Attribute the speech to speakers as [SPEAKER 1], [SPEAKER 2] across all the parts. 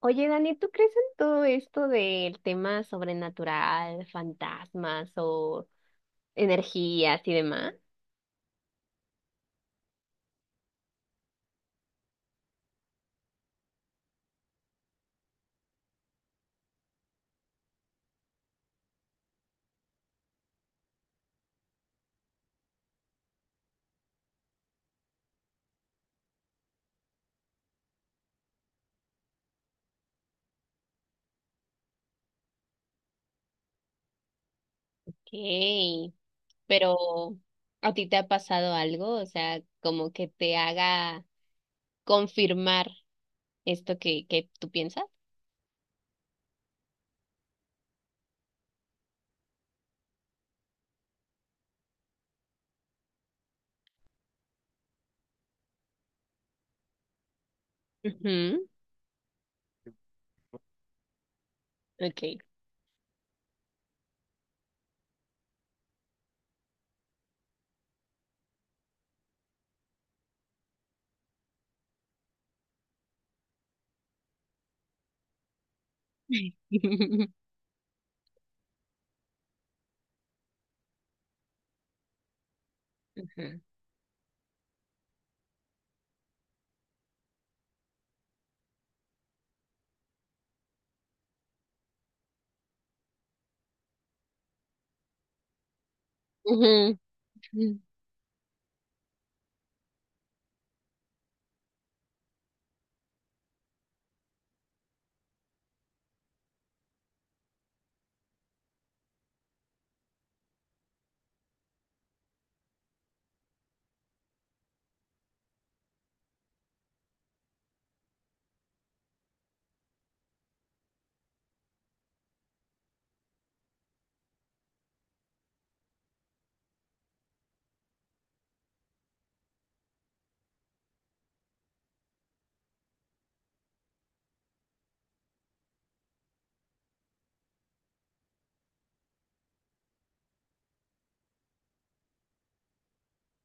[SPEAKER 1] Oye, Dani, ¿tú crees en todo esto del tema sobrenatural, fantasmas o energías y demás? Okay, pero ¿a ti te ha pasado algo? O sea, como que te haga confirmar esto que tú piensas. Ujú, ok. Ujú. Ujú, Ujú.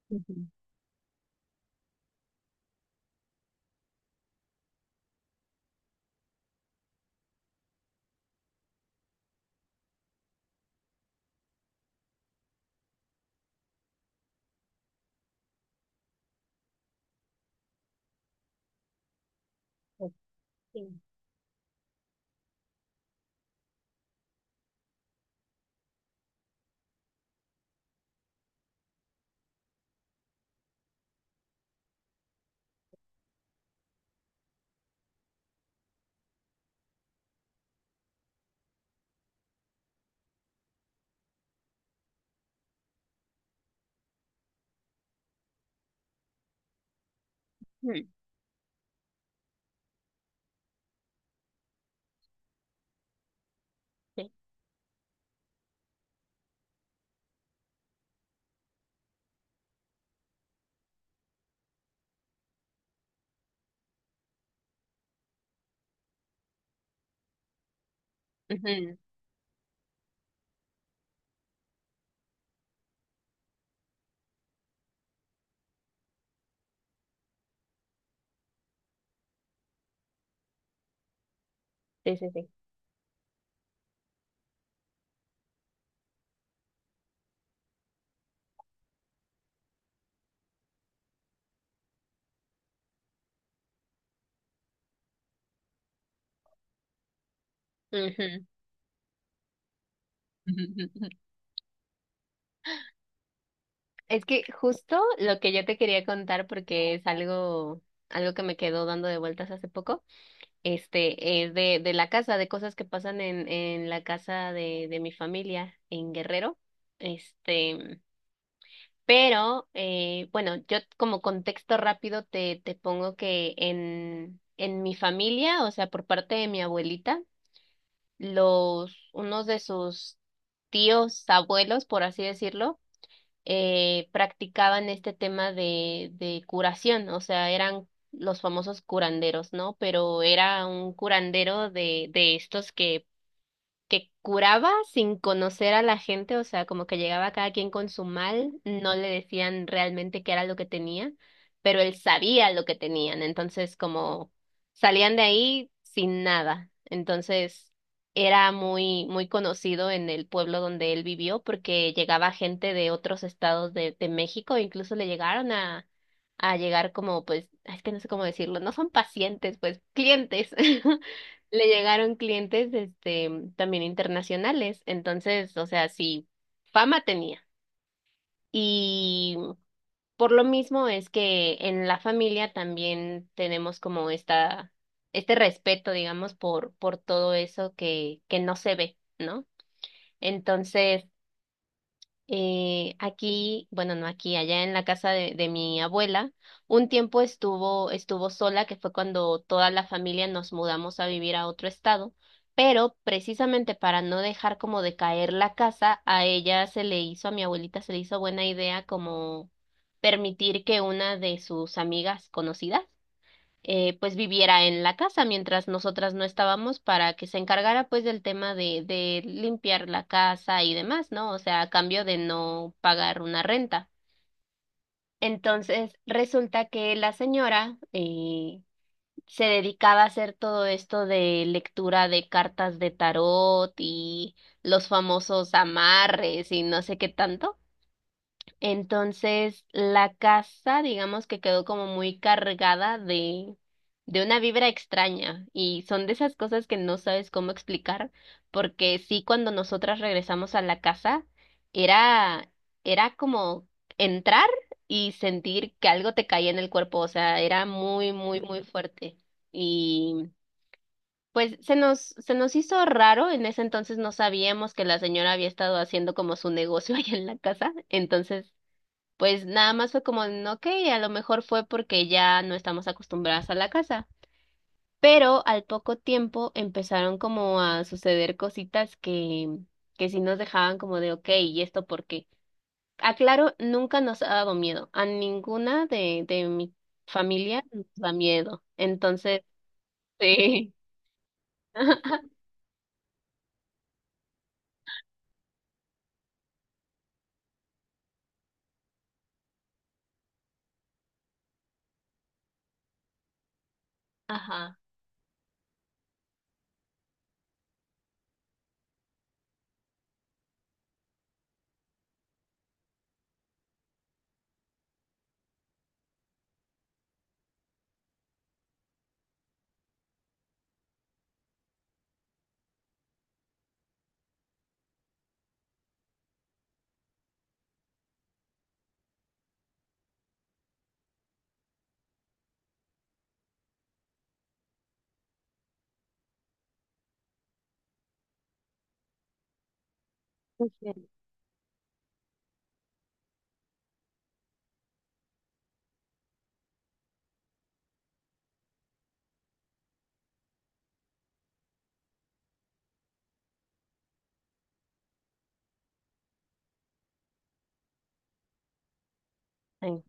[SPEAKER 1] Ujú, sí, ujú, sí, sí, sí, sí. Ujú. Es que justo lo que yo te quería contar, porque es algo, algo que me quedó dando de vueltas hace poco, este, es de la casa, de cosas que pasan en la casa de mi familia en Guerrero. Este, pero bueno, yo como contexto rápido te pongo que en mi familia, o sea, por parte de mi abuelita, los, unos de sus tíos, abuelos, por así decirlo, practicaban este tema de curación, o sea, eran los famosos curanderos, ¿no? Pero era un curandero de estos que curaba sin conocer a la gente, o sea, como que llegaba cada quien con su mal, no le decían realmente qué era lo que tenía, pero él sabía lo que tenían, entonces como salían de ahí sin nada. Entonces era muy muy conocido en el pueblo donde él vivió porque llegaba gente de otros estados de México, incluso le llegaron a llegar como pues, es que no sé cómo decirlo, no son pacientes, pues clientes. Le llegaron clientes este también internacionales, entonces, o sea, sí, fama tenía. Y por lo mismo es que en la familia también tenemos como esta este respeto, digamos, por todo eso que no se ve, ¿no? Entonces, aquí, bueno, no aquí, allá en la casa de mi abuela, un tiempo estuvo sola, que fue cuando toda la familia nos mudamos a vivir a otro estado, pero precisamente para no dejar como de caer la casa, a mi abuelita se le hizo buena idea como permitir que una de sus amigas conocidas pues viviera en la casa mientras nosotras no estábamos para que se encargara pues del tema de limpiar la casa y demás, ¿no? O sea, a cambio de no pagar una renta. Entonces, resulta que la señora se dedicaba a hacer todo esto de lectura de cartas de tarot y los famosos amarres y no sé qué tanto. Entonces, la casa, digamos que quedó como muy cargada de una vibra extraña y son de esas cosas que no sabes cómo explicar, porque sí, cuando nosotras regresamos a la casa, era, era como entrar y sentir que algo te caía en el cuerpo, o sea, era muy, muy, muy fuerte. Y pues se nos hizo raro, en ese entonces no sabíamos que la señora había estado haciendo como su negocio ahí en la casa, entonces pues nada más fue como, "Mm, ok, a lo mejor fue porque ya no estamos acostumbradas a la casa. Pero al poco tiempo empezaron como a suceder cositas que sí nos dejaban como de, ok, ¿y esto por qué? Aclaro, nunca nos ha dado miedo. A ninguna de mi familia nos da miedo. Entonces, sí. Ajá. Sí. Sí.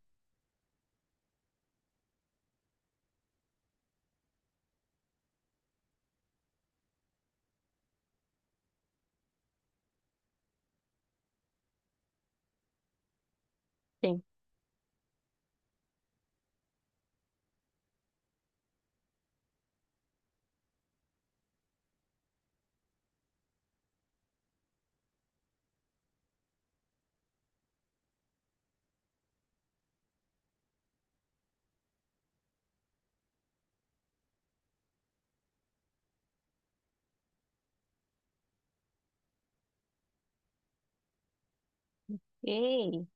[SPEAKER 1] Sí. Sí.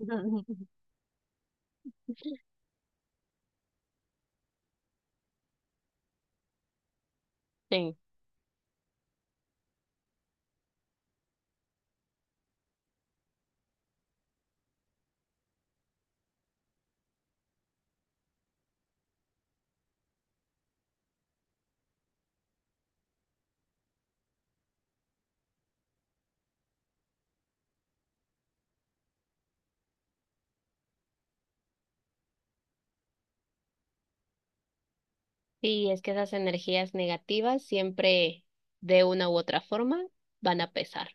[SPEAKER 1] Sí, es que esas energías negativas siempre de una u otra forma van a pesar.